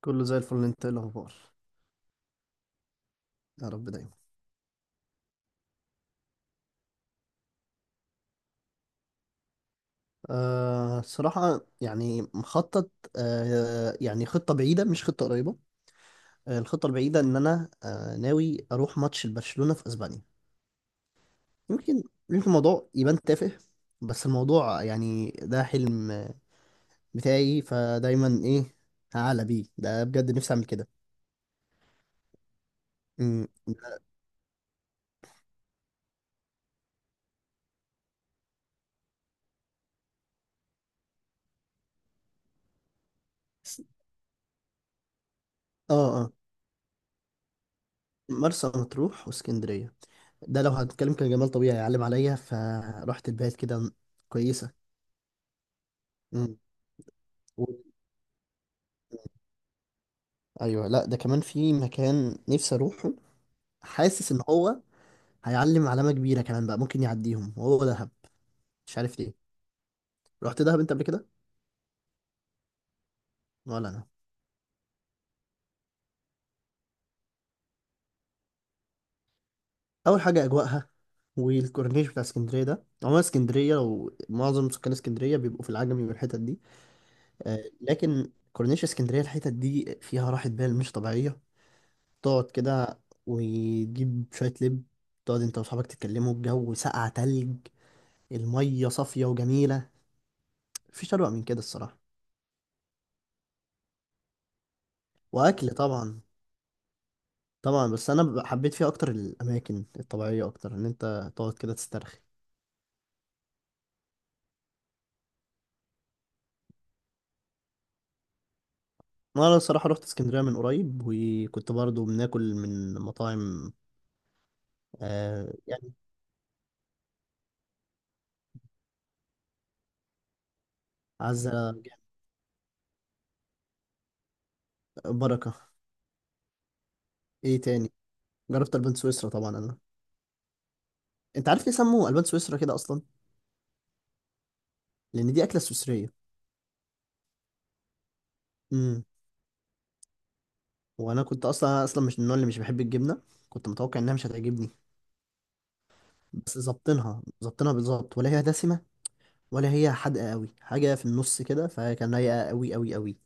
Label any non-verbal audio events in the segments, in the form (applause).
كله زي الفل، انت ايه الاخبار؟ يا رب دايما. صراحة يعني مخطط. يعني خطة بعيدة مش خطة قريبة. الخطة البعيدة ان انا ناوي اروح ماتش لبرشلونة في اسبانيا. يمكن يمكن الموضوع يبان تافه. بس الموضوع يعني ده حلم بتاعي، فدايما ايه هعلى بيه ده، بجد نفسي اعمل كده. امم. اه، اه. مرسى مطروح واسكندرية. ده لو هنتكلم كجمال طبيعي يعلم عليا، فرحت البيت كده كويسة. مم. ايوه، لا ده كمان في مكان نفسي اروحه. حاسس ان هو هيعلم علامه كبيره كمان بقى، ممكن يعديهم وهو دهب. مش عارف ليه. رحت دهب انت قبل كده؟ ولا انا. اول حاجه اجواءها والكورنيش بتاع اسكندريه، ده عموما اسكندريه، ومعظم سكان اسكندريه بيبقوا في العجمي والحتت دي. لكن كورنيش اسكندريه الحتت دي فيها راحه بال مش طبيعيه. تقعد كده وتجيب شويه لب، تقعد انت واصحابك تتكلموا، الجو ساقع تلج، الميه صافيه وجميله. مفيش اروع من كده الصراحه. واكل طبعا. طبعا، بس انا حبيت فيها اكتر الاماكن الطبيعيه، اكتر ان انت تقعد كده تسترخي. انا الصراحه رحت اسكندريه من قريب وكنت برضو بناكل من مطاعم. آه يعني. عزة. بركه. ايه تاني؟ جربت البان سويسرا طبعا انا. انت عارف ليه سموه البان سويسرا كده اصلا؟ لان دي اكله سويسريه. امم. وانا كنت اصلا مش من النوع اللي مش بحب الجبنه. كنت متوقع انها مش هتعجبني. بس ظابطينها بالظبط، ولا هي دسمه ولا هي حادقه قوي، حاجه في النص كده، فكان رايقه قوي قوي قوي.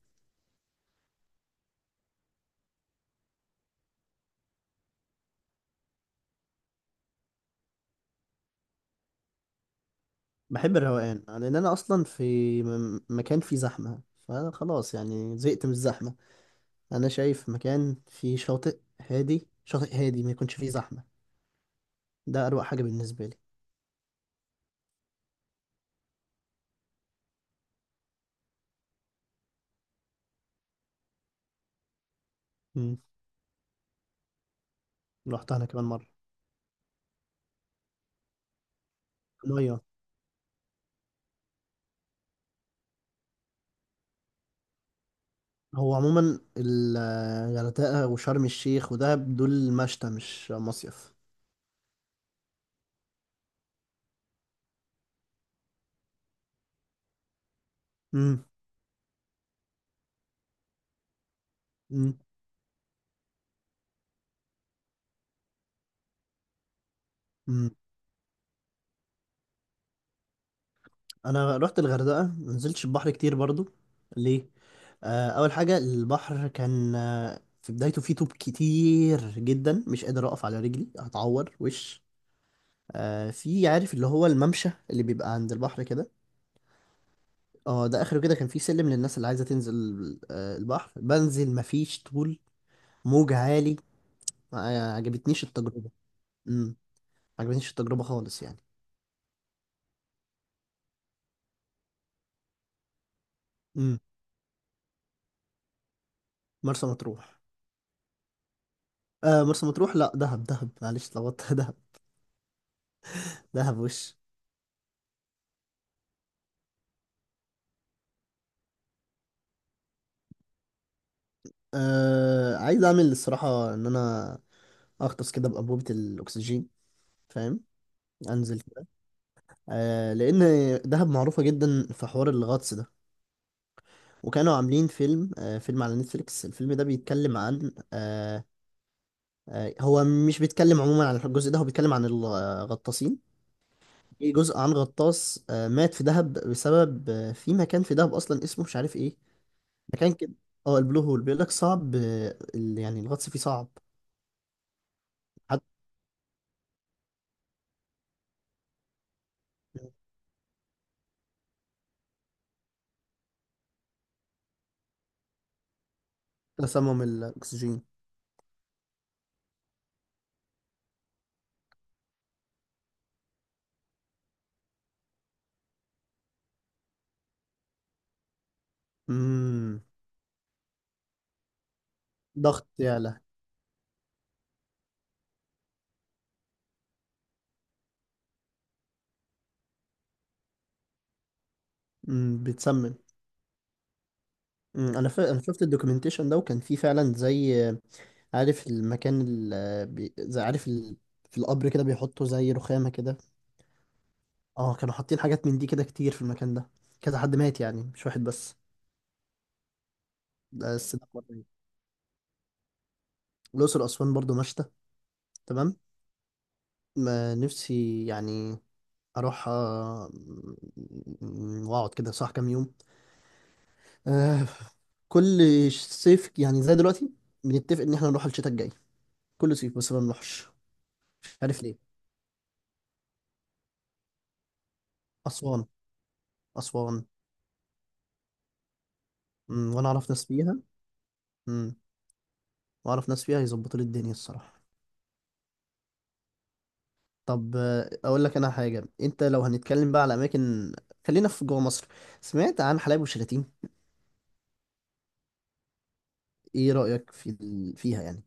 بحب الروقان، لان انا اصلا في مكان فيه زحمه، فخلاص يعني زهقت من الزحمه. انا شايف مكان فيه شاطئ هادي، شاطئ هادي ما يكونش فيه زحمه، ده اروق حاجه بالنسبه لي. امم. رحت انا كمان مره. ميه. هو عموما الغردقه وشرم الشيخ ودهب دول مشتى مش مصيف. امم. امم. امم، انا رحت الغردقه ما نزلتش البحر كتير برضو. ليه؟ اول حاجه البحر كان في بدايته فيه طوب كتير جدا، مش قادر اقف على رجلي، هتعور وش. في، عارف اللي هو الممشى اللي بيبقى عند البحر كده. اه ده اخره كده كان فيه سلم للناس اللي عايزه تنزل. البحر بنزل مفيش طول، موج عالي. ما عجبتنيش التجربه. امم. ما عجبتنيش التجربه خالص يعني. امم. مرسى مطروح. آه، مرسى مطروح، لا دهب، دهب معلش، اتلخبطت (laughs) دهب. دهب وش. آه عايز اعمل الصراحه ان انا اغطس كده بانبوبه الاكسجين. فاهم. انزل كده. آه لان دهب معروفه جدا في حوار الغطس ده. وكانوا عاملين فيلم، آه فيلم على نتفليكس. الفيلم ده بيتكلم عن آه. هو مش بيتكلم عموما عن الجزء ده، هو بيتكلم عن الغطاسين. في جزء عن غطاس آه مات في دهب بسبب في مكان في دهب اصلا اسمه مش عارف ايه. مكان كده. اه البلو هول، بيقول لك صعب. يعني الغطس فيه صعب. حتى. تسمم الاكسجين. امم. ضغط يعلى. امم، بتسمم. أمم، انا انا شفت الدوكيومنتيشن ده وكان فيه فعلا زي عارف المكان زي عارف في القبر كده بيحطوا زي رخامة كده. اه كانوا حاطين حاجات من دي كده كتير في المكان ده. كذا حد مات يعني، مش واحد بس. بس ده حوار تاني. الأقصر وأسوان برضو مشتى. تمام. ما نفسي يعني أروح وأقعد كده صح كام يوم. آه، كل صيف يعني زي دلوقتي بنتفق إن احنا نروح الشتاء الجاي، كل صيف بس ما بنروحش. مش عارف ليه. أسوان. أسوان. امم، وانا اعرف ناس فيها. امم، واعرف ناس فيها يظبطوا لي الدنيا الصراحه. طب اقول لك انا حاجه، انت لو هنتكلم بقى على اماكن، خلينا في جوه مصر. سمعت عن حلايب وشلاتين. ايه رايك فيها يعني؟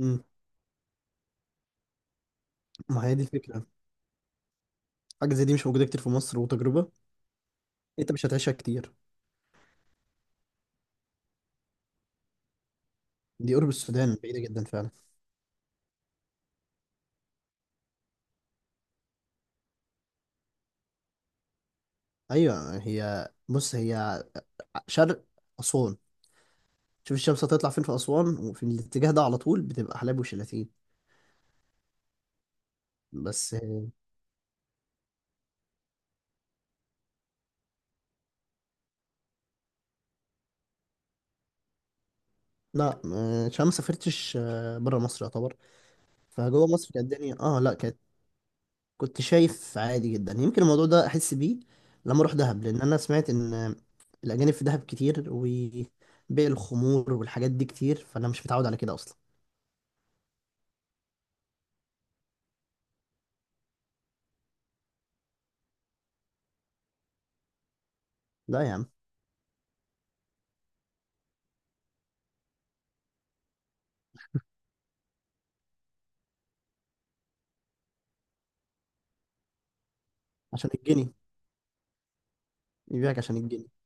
امم. ما هي دي الفكره، حاجه زي دي مش موجوده كتير في مصر، وتجربه انت مش هتعيشها كتير. دي قرب السودان بعيده جدا فعلا. ايوه هي، بص هي شرق اسوان. شوف الشمس هتطلع فين في اسوان، وفي الاتجاه ده على طول بتبقى حلايب وشلاتين. بس لا عشان ما سافرتش بره مصر يعتبر. فجوه مصر كانت الدنيا اه لا كانت، كنت شايف عادي جدا. يمكن الموضوع ده احس بيه لما اروح دهب، لان انا سمعت ان الاجانب في دهب كتير وبيع الخمور والحاجات دي كتير، فانا مش متعود على كده اصلا. لا يا عم. عشان الجنيه. يبيعك عشان الجنيه.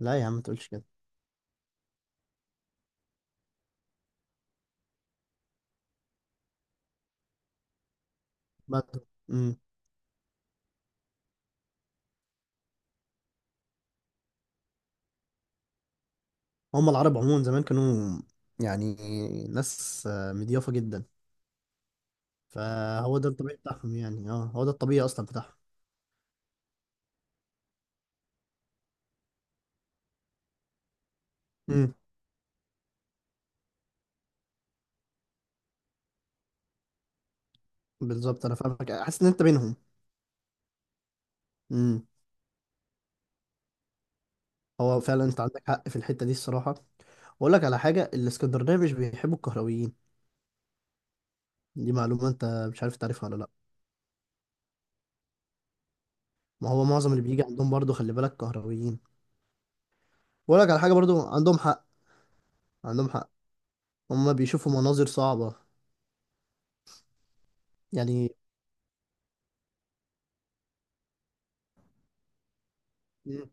لا يا عم ما تقولش كده. بعد- مم. هم العرب عموما زمان كانوا يعني ناس مضيافه جدا. فهو ده الطبيعي بتاعهم يعني. اه هو ده الطبيعي اصلا بتاعهم. بالظبط، انا فاهمك، حاسس ان انت بينهم. امم. هو فعلا انت عندك حق في الحته دي الصراحه. واقول لك على حاجه، الاسكندرانيه مش بيحبوا الكهرويين، دي معلومه انت مش عارف تعرفها ولا لا. ما هو معظم اللي بيجي عندهم برضو خلي بالك كهرويين. واقول لك على حاجه، برضو عندهم حق. عندهم حق. هم بيشوفوا مناظر صعبه يعني. مم.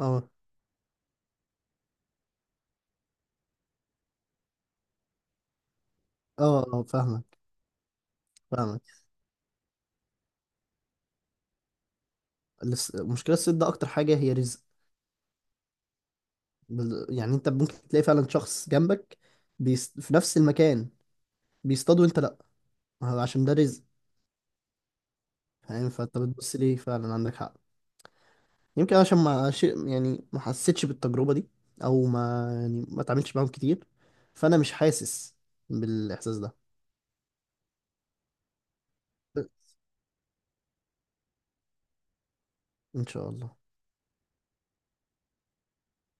اه، اه، اه، فاهمك. فاهمك. المشكله الصيد ده اكتر حاجه هي رزق. يعني انت ممكن تلاقي فعلا شخص جنبك في نفس المكان بيصطاد، وانت لا، عشان ده رزق. فاهم. فانت بتبص ليه فعلا عندك حق. يمكن عشان ما ش... يعني ما حسيتش بالتجربة دي، او ما يعني ما اتعاملتش معاهم كتير، فانا مش حاسس بالاحساس ده. ان شاء الله.